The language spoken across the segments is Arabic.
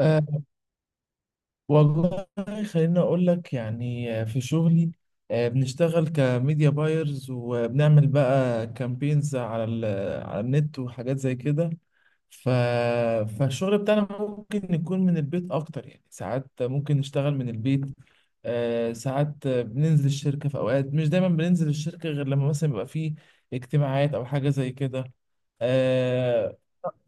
أه. والله، خليني أقول لك، يعني في شغلي. بنشتغل كميديا بايرز، وبنعمل بقى كامبينز على النت وحاجات زي كده. ف... فالشغل بتاعنا ممكن يكون من البيت أكتر، يعني ساعات ممكن نشتغل من البيت. ساعات بننزل الشركة في أوقات، مش دايما بننزل الشركة غير لما مثلا يبقى فيه اجتماعات أو حاجة زي كده. أه.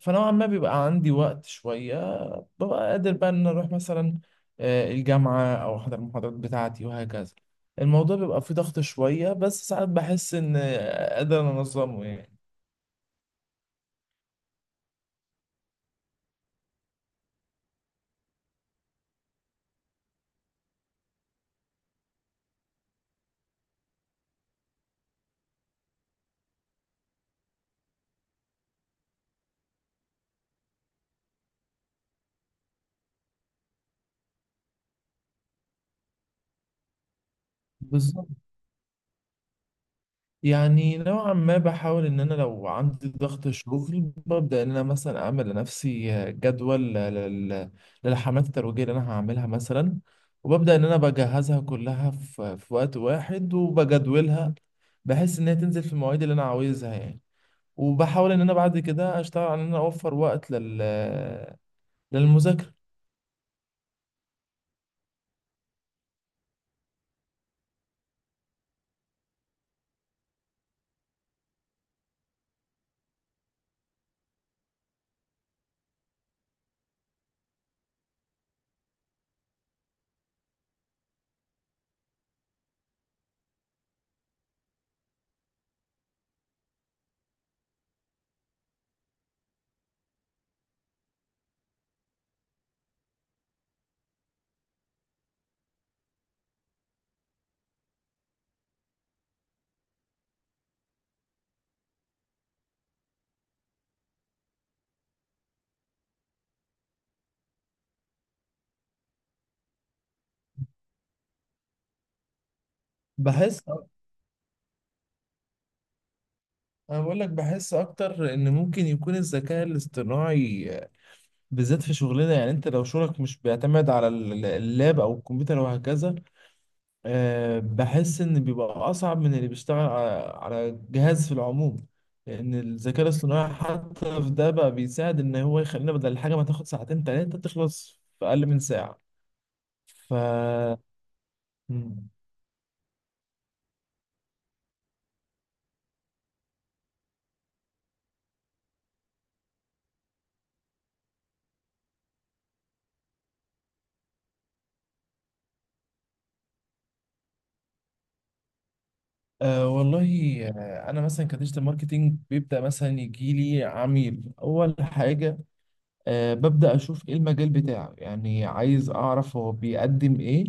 فنوعا ما بيبقى عندي وقت شوية، ببقى قادر بقى ان اروح مثلا الجامعة او احضر المحاضرات بتاعتي وهكذا. الموضوع بيبقى فيه ضغط شوية، بس ساعات بحس ان قادر انظمه يعني. بالظبط. يعني نوعا ما بحاول ان انا لو عندي ضغط شغل، ببدأ ان انا مثلا اعمل لنفسي جدول للحملات الترويجية اللي انا هعملها مثلا. وببدأ ان انا بجهزها كلها في وقت واحد وبجدولها، بحيث ان هي تنزل في المواعيد اللي انا عاوزها يعني. وبحاول ان انا بعد كده اشتغل على ان انا اوفر وقت للمذاكره. بحس انا بقول لك بحس اكتر ان ممكن يكون الذكاء الاصطناعي بالذات في شغلنا، يعني انت لو شغلك مش بيعتمد اللاب او الكمبيوتر وهكذا، بحس ان بيبقى اصعب من اللي بيشتغل على جهاز في العموم. لان الذكاء الاصطناعي حتى في ده بقى بيساعد، ان هو يخلينا بدل الحاجه ما تاخد ساعتين تلاتة، تخلص في اقل من ساعه. ف مم. والله، انا مثلا كديجيتال ماركتينج بيبدا، مثلا يجي لي عميل، اول حاجه ببدا اشوف ايه المجال بتاعه، يعني عايز اعرف هو بيقدم ايه،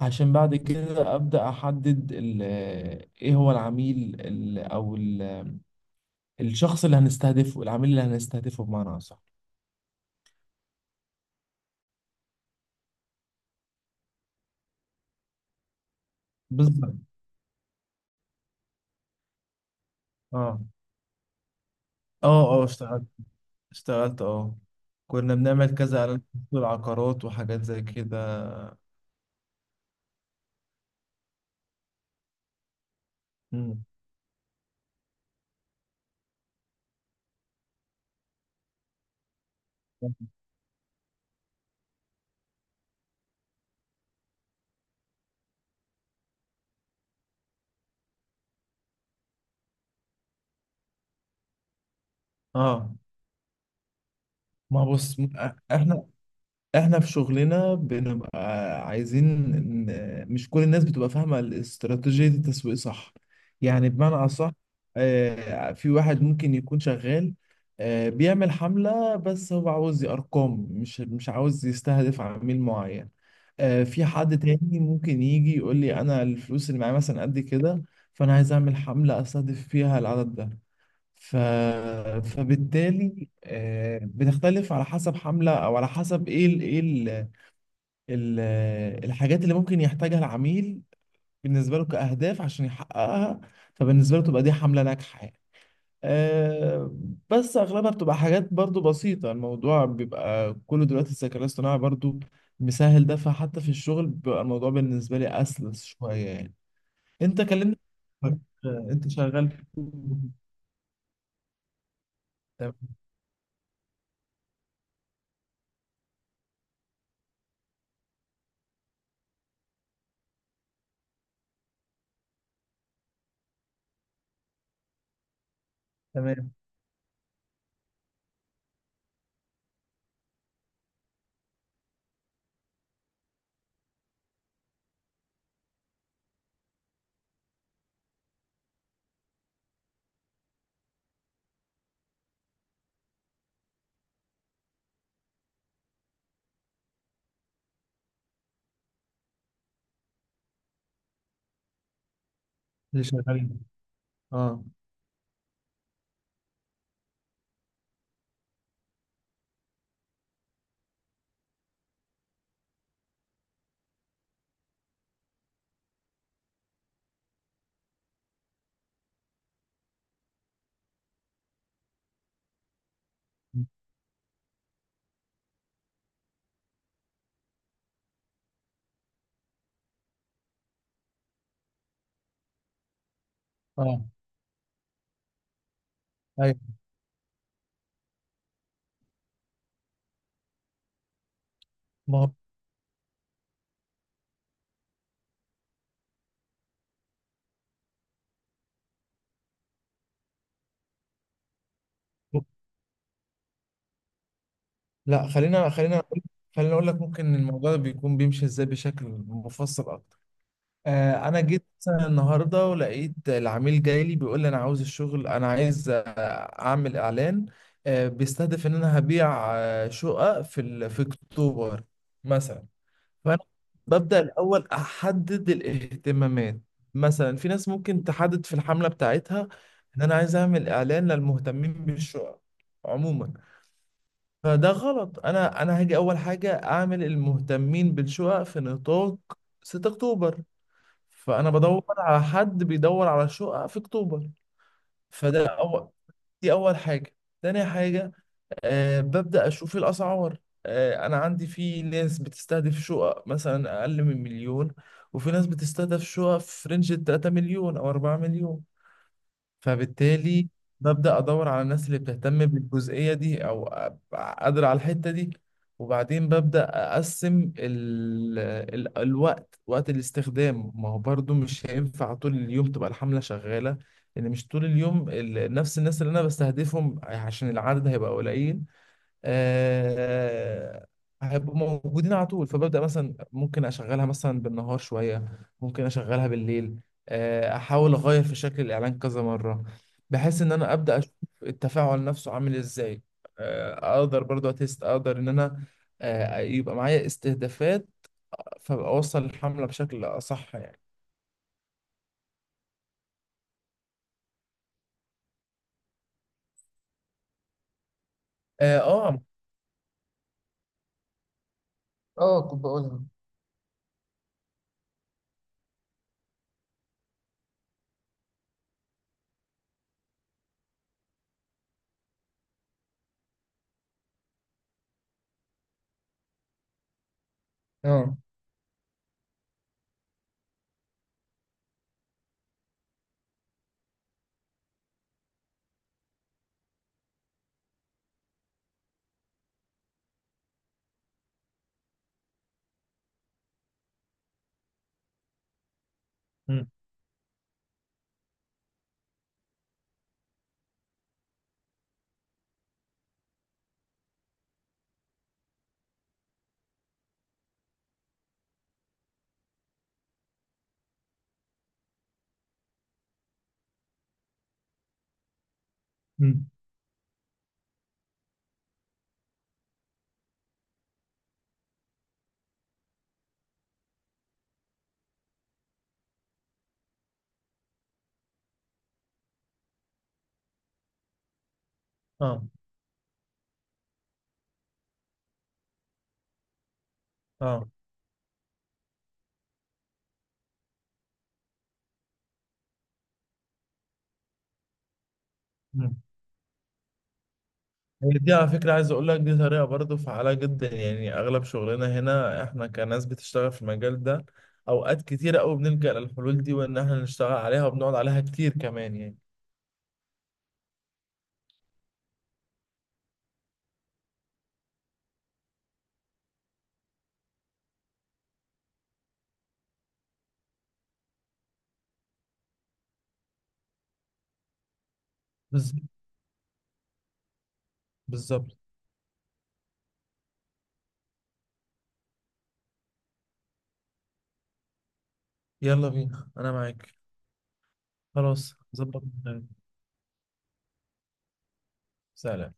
عشان بعد كده ابدا احدد ايه هو العميل الشخص اللي هنستهدفه، العميل اللي هنستهدفه بمعنى اصح. بالظبط. اه. اه. اه. اشتغلت، اه، كنا بنعمل كذا اعلان، في العقارات وحاجات زي كده. مم. اه. ما بص، احنا احنا في شغلنا بنبقى عايزين، مش كل الناس بتبقى فاهمة الاستراتيجية التسويق صح، يعني بمعنى اصح. في واحد ممكن يكون شغال، بيعمل حملة، بس هو عاوز ارقام، مش عاوز يستهدف عميل معين. في حد تاني ممكن يجي يقول لي انا الفلوس اللي معايا مثلا قد كده، فانا عايز اعمل حملة استهدف فيها العدد ده. ف... فبالتالي بتختلف على حسب حملة أو على حسب ال... الحاجات اللي ممكن يحتاجها العميل بالنسبة له كأهداف عشان يحققها، فبالنسبة له تبقى دي حملة ناجحة يعني. آه، بس أغلبها بتبقى حاجات برضو بسيطة، الموضوع بيبقى كله دلوقتي الذكاء الاصطناعي برضو مسهل ده، فحتى في الشغل بيبقى الموضوع بالنسبة لي أسلس شوية يعني. أنت كلمني. آه، أنت شغال. تمام. تمام. اللي شغالين. اه. اه. ايوه. ما هو لا، خلينا خلينا اقول لك ممكن الموضوع ده بيكون بيمشي ازاي بشكل مفصل اكتر. انا جيت مثلا النهارده ولقيت العميل جاي لي بيقول لي انا عاوز الشغل، انا عايز اعمل اعلان بيستهدف ان انا هبيع شقق في اكتوبر مثلا. فانا ببدا الاول احدد الاهتمامات، مثلا في ناس ممكن تحدد في الحمله بتاعتها ان انا عايز اعمل اعلان للمهتمين بالشقق عموما، فده غلط. انا هاجي اول حاجه اعمل المهتمين بالشقق في نطاق 6 اكتوبر، فانا بدور على حد بيدور على شقق في اكتوبر. فده أول، دي اول حاجه. تاني حاجه ببدا اشوف الاسعار. انا عندي، في ناس بتستهدف شقق مثلا اقل من مليون، وفي ناس بتستهدف شقق في رينج ال 3 مليون او 4 مليون، فبالتالي ببدأ أدور على الناس اللي بتهتم بالجزئية دي أو أبقى قادرة على الحتة دي. وبعدين ببدأ أقسم الوقت، وقت الاستخدام، ما هو برضو مش هينفع طول اليوم تبقى الحملة شغالة. لأن مش طول اليوم نفس الناس اللي أنا بستهدفهم، عشان العدد هيبقى قليل، آه، هيبقوا موجودين على طول. فببدأ مثلا، ممكن أشغلها مثلا بالنهار شوية، ممكن أشغلها بالليل، أحاول أغير في شكل الإعلان كذا مرة، بحيث إن أنا أبدأ أشوف التفاعل نفسه عامل إزاي. أقدر برضو أتست، أقدر إن أنا يبقى معايا استهدافات، فأبقى أوصل الحملة بشكل أصح يعني. آه. آه. اه، كنت بقولها. اه. مم. مم. اه. اه. مم. هي دي على فكرة، عايز أقول لك دي طريقة برضه فعالة جدا، يعني أغلب شغلنا هنا، إحنا كناس بتشتغل في المجال ده أوقات كتيرة أوي بنلجأ للحلول دي، وإن إحنا نشتغل عليها وبنقعد عليها كتير كمان يعني. بالظبط. بالظبط. يلا بينا، أنا معاك. خلاص، ظبط. سلام.